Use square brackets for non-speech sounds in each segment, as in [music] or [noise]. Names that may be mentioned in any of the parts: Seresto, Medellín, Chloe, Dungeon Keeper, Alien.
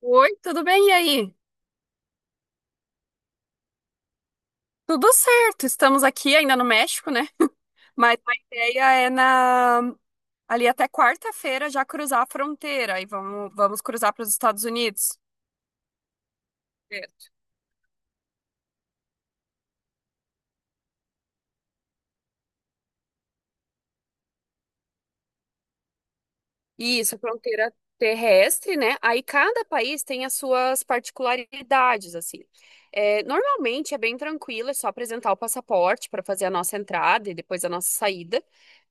Oi, tudo bem? E aí? Tudo certo, estamos aqui ainda no México, né? Mas a ideia é na ali até quarta-feira já cruzar a fronteira e vamos cruzar para os Estados Unidos. Certo. Isso, a fronteira terrestre, né? Aí cada país tem as suas particularidades, assim. É, normalmente é bem tranquilo, é só apresentar o passaporte para fazer a nossa entrada e depois a nossa saída.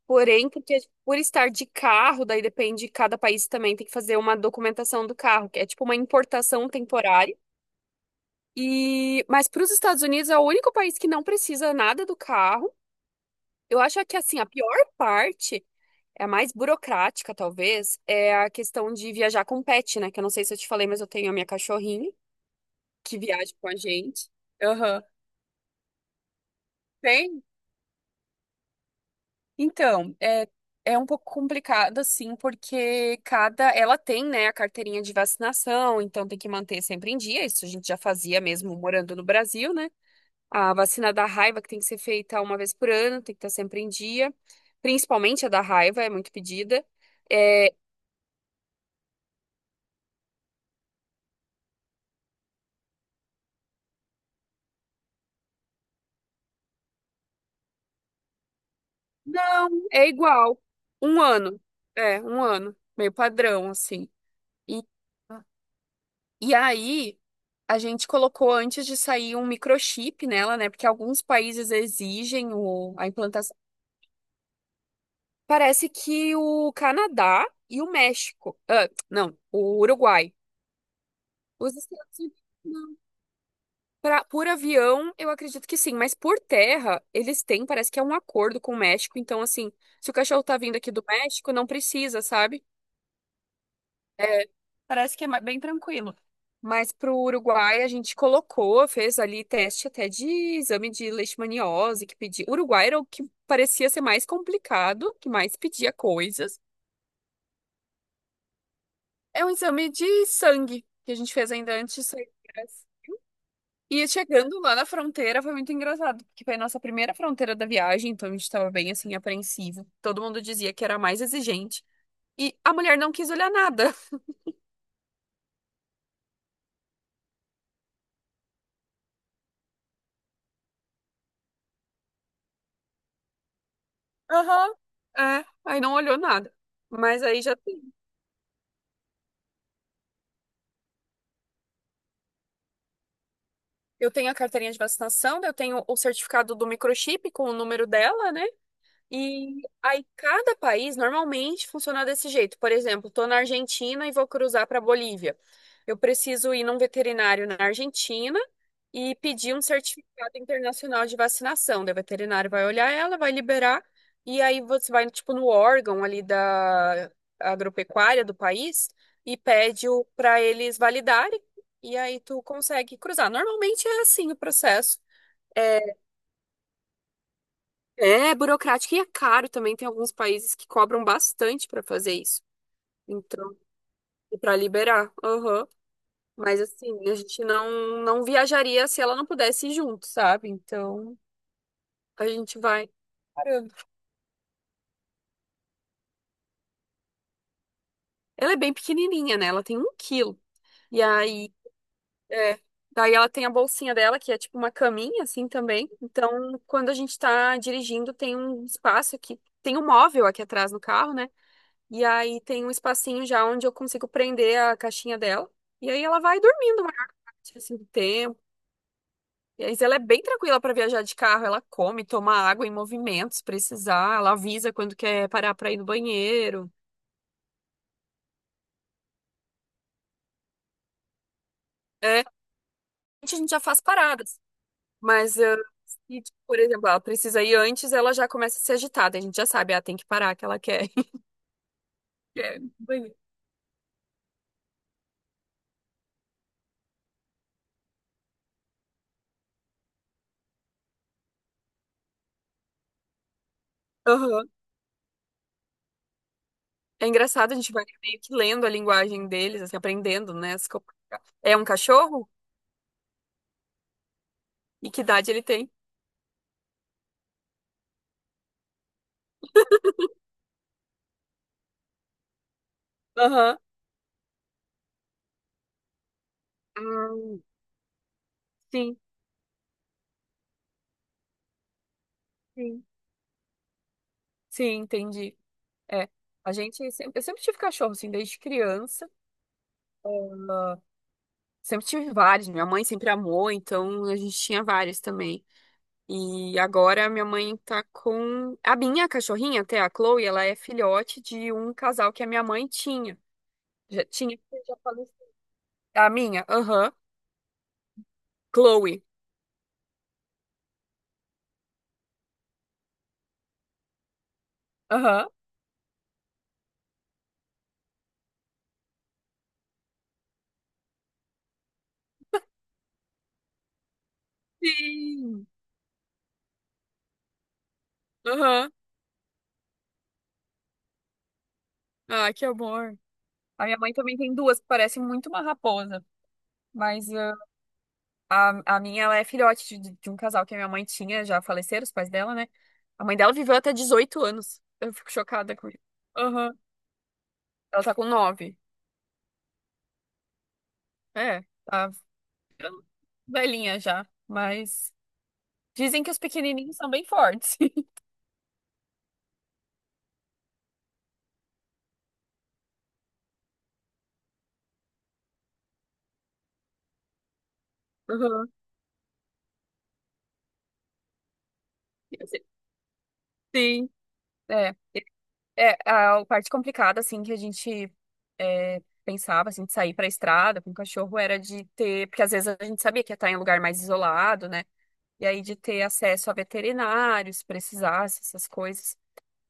Porém, por estar de carro, daí depende, cada país também tem que fazer uma documentação do carro, que é tipo uma importação temporária. E mas para os Estados Unidos é o único país que não precisa nada do carro. Eu acho que assim, a pior parte, é a mais burocrática talvez, é a questão de viajar com pet, né? Que eu não sei se eu te falei, mas eu tenho a minha cachorrinha que viaja com a gente. Aham. Tem? Então, é, é um pouco complicado, assim, porque cada. Ela tem, né, a carteirinha de vacinação, então tem que manter sempre em dia. Isso a gente já fazia mesmo morando no Brasil, né? A vacina da raiva, que tem que ser feita uma vez por ano, tem que estar sempre em dia. Principalmente a da raiva, é muito pedida. É, não, é igual. 1 ano. É, 1 ano. Meio padrão, assim. E. E aí, a gente colocou antes de sair um microchip nela, né? Porque alguns países exigem o, a implantação. Parece que o Canadá e o México. Ah, não, o Uruguai. Os Estados Unidos, não. Pra, por avião, eu acredito que sim, mas por terra, eles têm, parece que é um acordo com o México. Então, assim, se o cachorro tá vindo aqui do México, não precisa, sabe? É, parece que é bem tranquilo. Mas para o Uruguai a gente colocou, fez ali teste até de exame de leishmaniose que pedia. Uruguai era o que parecia ser mais complicado, que mais pedia coisas. É um exame de sangue que a gente fez ainda antes de sair. E chegando lá na fronteira foi muito engraçado, porque foi a nossa primeira fronteira da viagem, então a gente estava bem assim apreensivo. Todo mundo dizia que era a mais exigente. E a mulher não quis olhar nada. Aham. É, aí não olhou nada. Mas aí já eu tenho a carteirinha de vacinação, eu tenho o certificado do microchip com o número dela, né? E aí, cada país normalmente funciona desse jeito. Por exemplo, estou na Argentina e vou cruzar para a Bolívia. Eu preciso ir num veterinário na Argentina e pedir um certificado internacional de vacinação. Daí o veterinário vai olhar ela, vai liberar, e aí você vai, tipo, no órgão ali da agropecuária do país e pede o para eles validarem, e aí tu consegue cruzar. Normalmente é assim o processo. É, é burocrático e é caro também. Tem alguns países que cobram bastante para fazer isso. Então, para liberar. Aham. Mas assim, a gente não viajaria se ela não pudesse ir junto, sabe? Então, a gente vai parando. Ela é bem pequenininha, né? Ela tem 1 quilo. E aí, é, daí ela tem a bolsinha dela, que é tipo uma caminha, assim, também. Então, quando a gente tá dirigindo, tem um espaço aqui. Tem um móvel aqui atrás no carro, né? E aí tem um espacinho já onde eu consigo prender a caixinha dela. E aí ela vai dormindo a maior parte assim, do tempo. E aí ela é bem tranquila para viajar de carro. Ela come, toma água em movimento, se precisar. Ela avisa quando quer parar para ir no banheiro. É, a gente já faz paradas. Mas se, tipo, por exemplo, ela precisa ir antes, ela já começa a se agitar. Daí a gente já sabe, ah, tem que parar que ela quer. [laughs] quer ir no banheiro. Aham. É engraçado, a gente vai meio que lendo a linguagem deles, assim, aprendendo, né? as co- É um cachorro? E que idade ele tem? Aham. Ah, sim, sim. Sim, entendi. É, a gente sempre, eu sempre tive cachorro, assim, desde criança. Ah, sempre tive vários. Minha mãe sempre amou, então a gente tinha vários também. E agora minha mãe tá com a minha cachorrinha, até a Chloe, ela é filhote de um casal que a minha mãe tinha. Já tinha, porque já faleceu. A minha, aham, Chloe. Aham. Sim. Aham. Ah, que amor. A minha mãe também tem duas que parecem muito uma raposa, mas ah, a minha, ela é filhote de um casal que a minha mãe tinha, já faleceram os pais dela, né? A mãe dela viveu até 18 anos. Eu fico chocada com isso. Aham. Ela tá com 9. É, tá velhinha já. Mas dizem que os pequenininhos são bem fortes. [laughs] Aham. Sim. É, é a parte complicada, assim, que a gente é, pensava, assim, de sair pra estrada com o cachorro era de ter... Porque às vezes a gente sabia que ia estar em um lugar mais isolado, né? E aí de ter acesso a veterinários, se precisasse, essas coisas.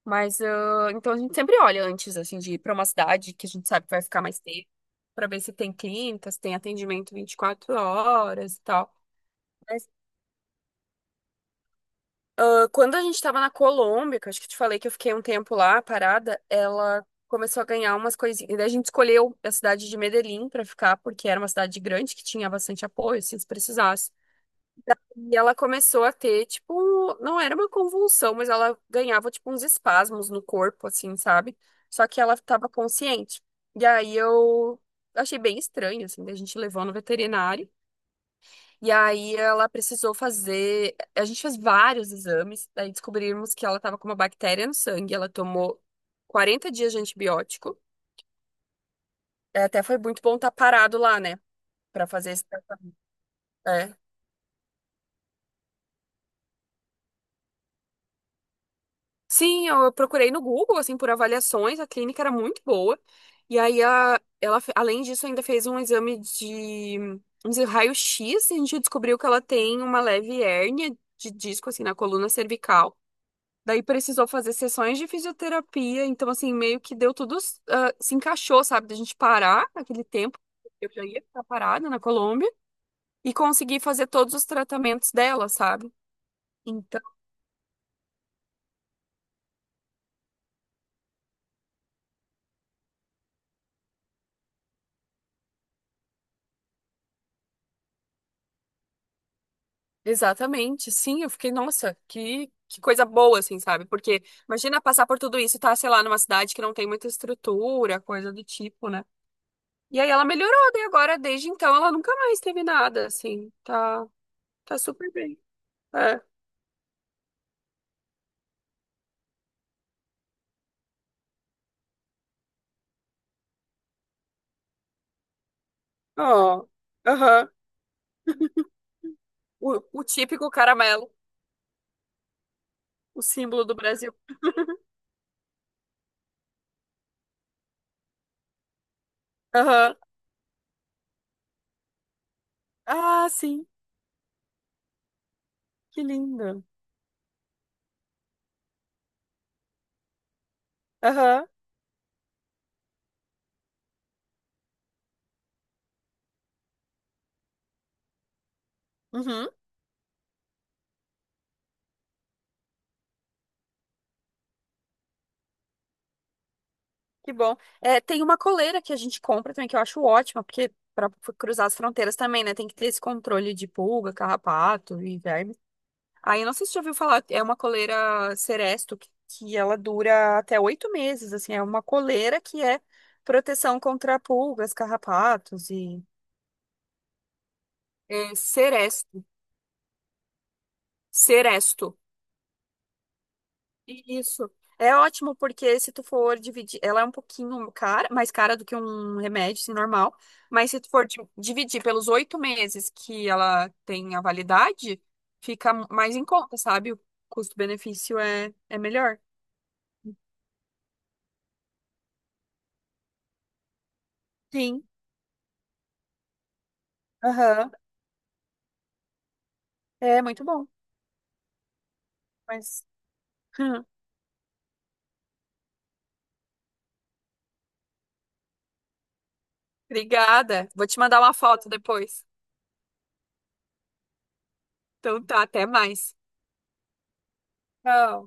Mas, ah, então a gente sempre olha antes, assim, de ir para uma cidade que a gente sabe que vai ficar mais tempo, para ver se tem clínicas, tem atendimento 24 horas e tal. Mas, ah, quando a gente estava na Colômbia, que eu acho que eu te falei que eu fiquei um tempo lá, parada, ela começou a ganhar umas coisinhas. E daí a gente escolheu a cidade de Medellín para ficar, porque era uma cidade grande que tinha bastante apoio, assim, se precisasse. E ela começou a ter, tipo, não era uma convulsão, mas ela ganhava, tipo, uns espasmos no corpo, assim, sabe? Só que ela tava consciente. E aí eu achei bem estranho, assim, daí a gente levou no veterinário. E aí ela precisou fazer. A gente fez vários exames, daí descobrimos que ela tava com uma bactéria no sangue. Ela tomou 40 dias de antibiótico. É, até foi muito bom estar parado lá, né? Pra fazer esse. Sim, eu procurei no Google, assim, por avaliações, a clínica era muito boa. E aí, a, ela, além disso, ainda fez um exame de raio-x e a gente descobriu que ela tem uma leve hérnia de disco, assim, na coluna cervical. Daí precisou fazer sessões de fisioterapia, então, assim, meio que deu tudo, ah, se encaixou, sabe, da gente parar naquele tempo. Eu já ia ficar parada na Colômbia e conseguir fazer todos os tratamentos dela, sabe? Exatamente, sim, eu fiquei, nossa, que coisa boa, assim, sabe? Porque imagina passar por tudo isso e tá, sei lá, numa cidade que não tem muita estrutura, coisa do tipo, né? E aí ela melhorou, daí agora, desde então, ela nunca mais teve nada, assim, tá, tá super bem. É, ó, aham, o típico caramelo, o símbolo do Brasil. Aham, ah, sim, que lindo. Aham, uhum. Que bom. É, tem uma coleira que a gente compra também, que eu acho ótima, porque para cruzar as fronteiras também, né? Tem que ter esse controle de pulga, carrapato e verme. Aí, eu não sei se você já ouviu falar, é uma coleira Seresto, que ela dura até 8 meses, assim. É uma coleira que é proteção contra pulgas, carrapatos e... É Seresto. Seresto. Isso. É ótimo porque se tu for dividir, ela é um pouquinho cara, mais cara do que um remédio assim, normal, mas se tu for dividir pelos 8 meses que ela tem a validade, fica mais em conta, sabe? O custo-benefício é, é melhor. Sim. Aham. É muito bom. Mas. [laughs] Obrigada. Vou te mandar uma foto depois. Então tá, até mais. Tchau.